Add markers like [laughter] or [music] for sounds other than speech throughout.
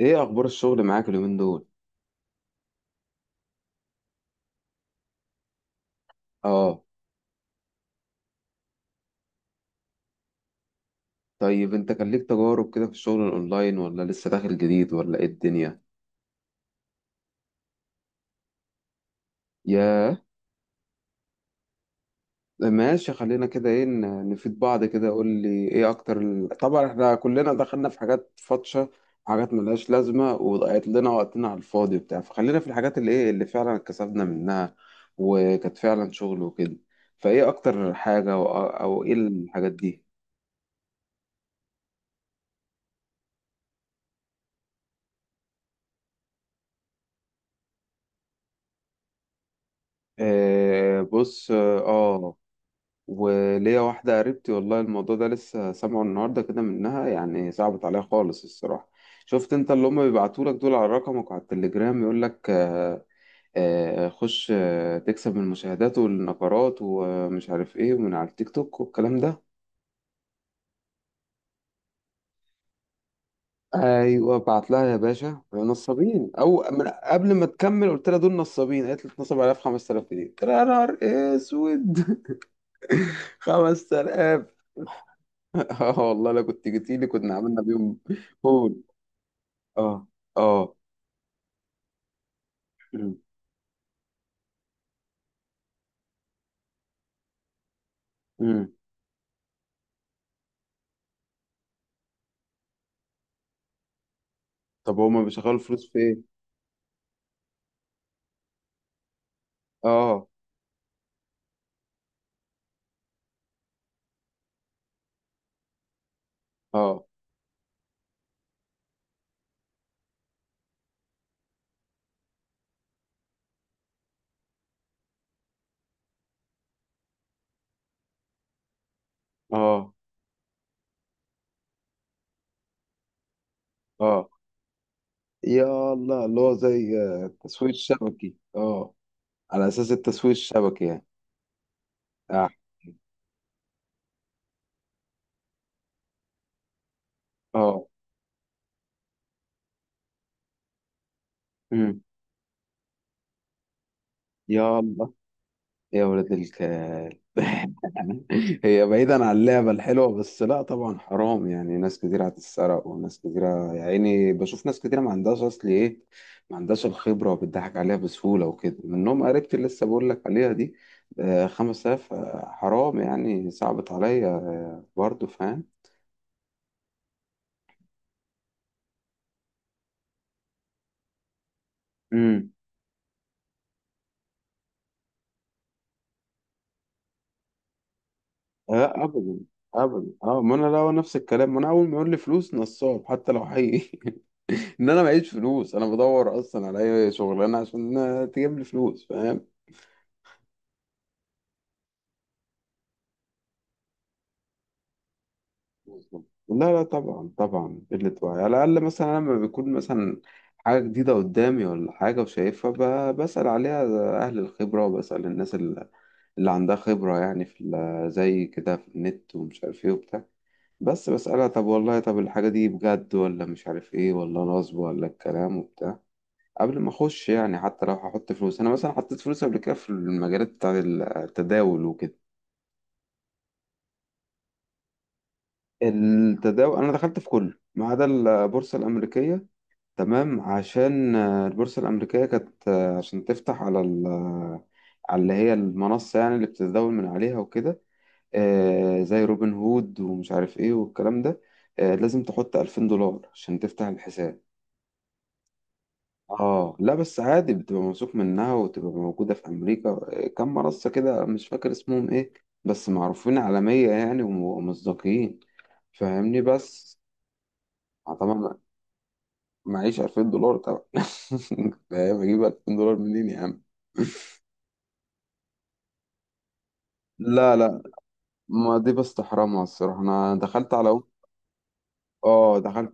ايه اخبار الشغل معاك اليومين دول؟ اه. طيب انت كان ليك تجارب كده في الشغل الاونلاين، ولا لسه داخل جديد، ولا ايه الدنيا؟ ياه. ماشي، خلينا كده. ايه نفيد بعض كده. قول لي ايه اكتر طبعا احنا كلنا دخلنا في حاجات فاطشه، حاجات ملهاش لازمه وضيعت لنا وقتنا على الفاضي وبتاع، فخلينا في الحاجات اللي ايه اللي فعلا كسبنا منها وكانت فعلا شغل وكده. فايه اكتر حاجه، أو ايه الحاجات دي؟ آه، بص، اه. وليا واحدة قريبتي والله الموضوع ده لسه سامعه النهاردة كده منها، يعني صعبت عليها خالص الصراحة. شفت انت اللي هم بيبعتولك دول على رقمك وعلى التليجرام؟ يقولك خش، تكسب من المشاهدات والنقرات ومش عارف ايه ومن على التيك توك والكلام ده. ايوه بعت لها يا باشا نصابين. او من قبل ما تكمل قلت لها دول نصابين، قالت لي اتنصب عليها في 5000 جنيه، قلت لها يا نهار اسود. [laughs] 5000. [laughs] اه والله لو كنت جيتي لي كنا عملنا بيهم. اه، اه. مم. مم. طب هما بيشغلوا فلوس في ايه؟ اه، اه، اه، اه. يا الله، اللي هو زي التسويق الشبكي، اه. على اساس التسويق الشبكي يعني. اه، اه. مم. يا الله. يا ولد الكلب [laughs] هي بعيدا عن اللعبة الحلوة، بس لا طبعا حرام. يعني ناس كتير هتتسرق وناس كتير، يا عيني. بشوف ناس كتير ما عندهاش أصل، إيه، ما عندهاش الخبرة وبتضحك عليها بسهولة وكده، منهم قريبتي اللي لسه بقول لك عليها دي. 5000، حرام يعني. صعبت عليا، برضه، فاهم. امم. لا أبدا، أبدا. ما أنا لا، هو نفس الكلام. ما أنا أول ما يقول لي فلوس نصاب حتى لو حقيقي [laughs] ان انا معيش فلوس. انا بدور اصلا على اي شغلانه عشان تجيب لي فلوس، فاهم. لا لا طبعا طبعا، قله وعي. على الاقل مثلا لما بيكون مثلا حاجه جديده قدامي ولا حاجه وشايفها، بسال عليها اهل الخبره وبسال الناس اللي عندها خبره، يعني في زي كده في النت ومش عارف ايه وبتاع. بس بسالها طب والله طب الحاجه دي بجد ولا مش عارف ايه ولا نصب ولا الكلام وبتاع، قبل ما اخش. يعني حتى لو هحط فلوس، انا مثلا حطيت فلوس قبل كده في المجالات بتاع التداول وكده. التداول انا دخلت في كله ما عدا البورصه الامريكيه. تمام عشان البورصه الامريكيه كانت عشان تفتح على على اللي هي المنصه يعني اللي بتتداول من عليها وكده، زي روبن هود ومش عارف ايه والكلام ده. لازم تحط 2000 دولار عشان تفتح الحساب. اه لا، بس عادي بتبقى موثوق منها وتبقى موجودة في أمريكا. كم منصة كده مش فاكر اسمهم ايه، بس معروفين عالمية يعني ومصداقين، فاهمني بس. آه طبعا، معيش 2000 دولار طبعا [laughs] فاهم اجيب 2000 دولار منين يا عم؟ لا لا، ما دي بستحرمها الصراحة. انا دخلت على دخلت،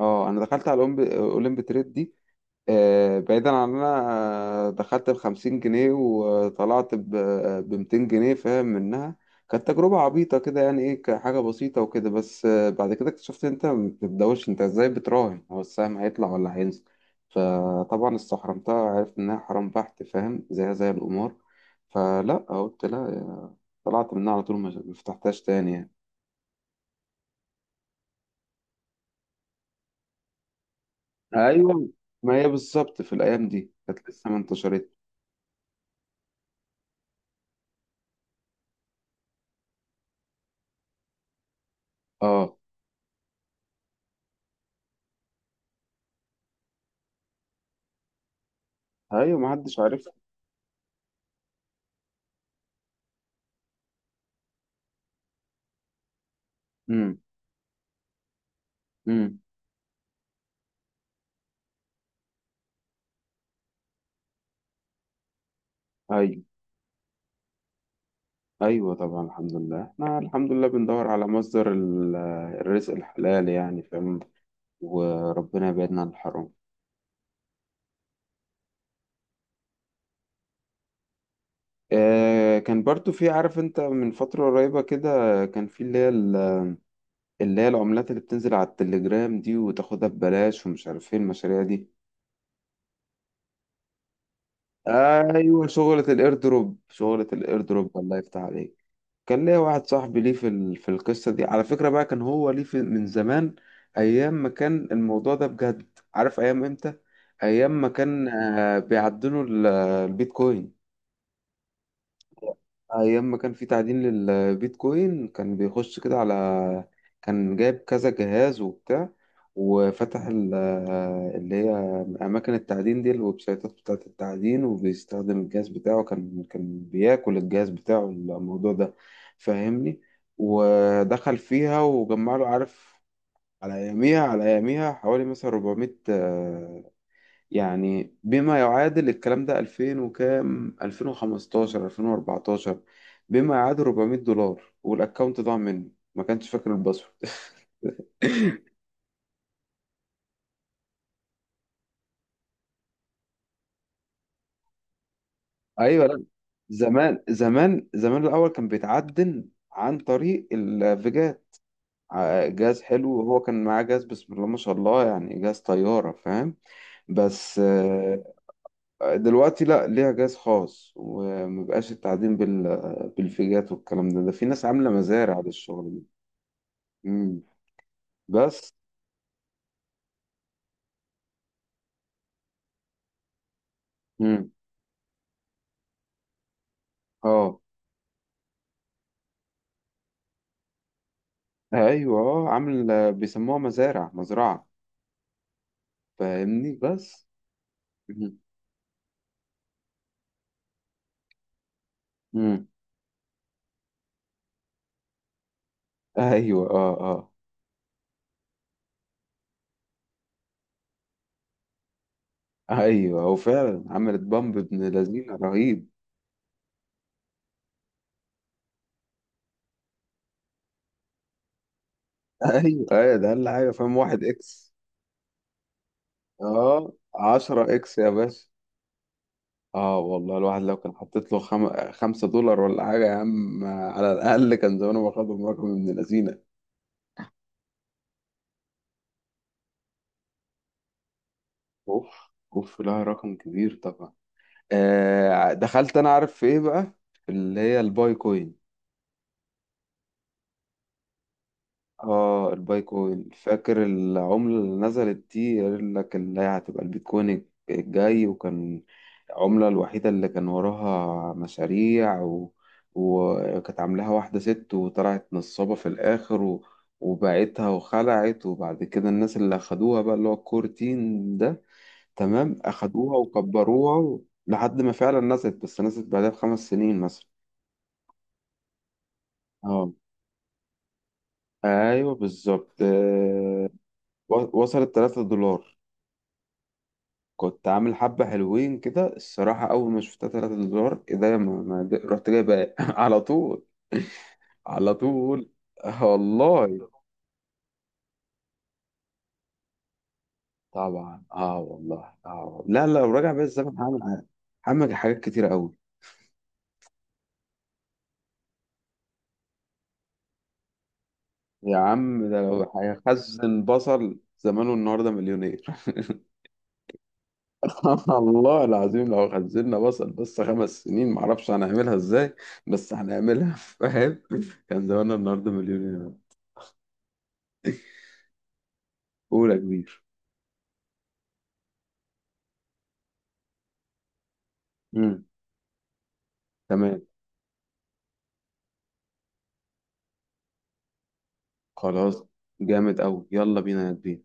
اه انا دخلت على اولمب تريد دي. بعيدا عن إن انا دخلت ب50 جنيه وطلعت ب200 جنيه، فاهم منها. كانت تجربة عبيطة كده، يعني ايه كحاجة بسيطة وكده، بس بعد كده اكتشفت إن انت ما بتبدأوش. انت ازاي بتراهن هو السهم هيطلع ولا هينزل؟ فطبعا استحرمتها، عرفت انها حرام بحت، فاهم، زيها زي القمار. فلا قلت لا، طلعت منها على طول، ما فتحتهاش تاني يعني. ايوه، ما هي بالظبط في الايام دي كانت لسه ما انتشرت. اه ايوه، ما حدش عارف. امم. أيوة، أيوة طبعا الحمد لله. إحنا الحمد لله بندور على مصدر الرزق الحلال يعني، فاهم. وربنا يبعدنا عن الحرام. آه كان برضو في، عارف أنت من فترة قريبة كده، كان في اللي هي اللي هي العملات اللي بتنزل على التليجرام دي وتاخدها ببلاش ومش عارف إيه المشاريع دي. ايوه شغلة الايردروب، شغلة الايردروب، الله يفتح عليك. كان ليا واحد صاحبي ليه في في القصة دي على فكرة بقى. كان هو ليه في من زمان، ايام ما كان الموضوع ده بجد. عارف ايام امتى؟ ايام ما كان بيعدنوا البيتكوين، ايام ما كان في تعدين للبيتكوين. كان بيخش كده على، كان جايب كذا جهاز وبتاع، وفتح اللي هي اماكن التعدين دي، الويب سايتات بتاعه التعدين، وبيستخدم الجهاز بتاعه. كان بياكل الجهاز بتاعه الموضوع ده، فاهمني. ودخل فيها وجمع له، عارف، على اياميها، على اياميها حوالي مثلا 400، يعني بما يعادل الكلام ده 2000 وكام، 2015، 2014، بما يعادل 400 دولار. والاكونت ضاع مني ما كانش فاكر الباسورد [laughs] ايوه لا، زمان زمان زمان الاول كان بيتعدل عن طريق الفيجات. جهاز حلو، وهو كان معاه جهاز، بسم الله ما شاء الله، يعني جهاز طيارة، فاهم. بس دلوقتي لا، ليها جهاز خاص ومبقاش التعدين بالفيجات والكلام ده في ناس عاملة مزارع للشغل ده. مم. بس. مم. اه. ايوه، اه، عامل بيسموها مزارع، مزرعة، فاهمني بس. مم. مم. ايوه، اه، اه. ايوه، هو فعلا عملت بامب ابن لذينه رهيب. ايوه، ايوه، ده اقل حاجه، فاهم، واحد اكس. اه 10 اكس يا باشا. اه والله الواحد لو كان حطيت له 5 دولار ولا حاجة يا عم، على الأقل كان زمانه باخدهم رقم من اللذينة. اوف، اوف. لا رقم كبير طبعا. آه دخلت، أنا عارف في إيه بقى، في اللي هي الباي كوين. اه البايكوين، فاكر العملة اللي نزلت دي؟ قال لك اللي هي هتبقى البيتكوين الجاي، وكان العملة الوحيدة اللي كان وراها مشاريع و، وكانت عاملاها واحدة ست وطلعت نصابة في الآخر و، وباعتها وخلعت. وبعد كده الناس اللي أخدوها بقى، اللي هو الكور تيم ده، تمام، أخدوها وكبروها و، لحد ما فعلا نزلت، بس نزلت بعدها ب5 سنين مثلا. اه، ايوه بالظبط، وصلت 3 دولار. كنت عامل حبة حلوين كده الصراحة. أول ما شفتها 3 دولار، إيه ده، ما ما ده- رحت جايب [laughs] على طول، على طول. آه والله طبعا، اه والله، اه والله. لا لا لو راجع بيا الزمن، هعمل هعمل حاجات كتيرة أوي. يا عم ده لو هيخزن بصل زمانه النهاردة مليونير. [laughs] الله العظيم، لو خزنا بصل بس 5 سنين، معرفش هنعملها ازاي، بس هنعملها [laughs] فاهم. كان زماننا النهاردة مليونير. أولى كبير. مم. تمام. خلاص. جامد أوي، يلا بينا يا كبير.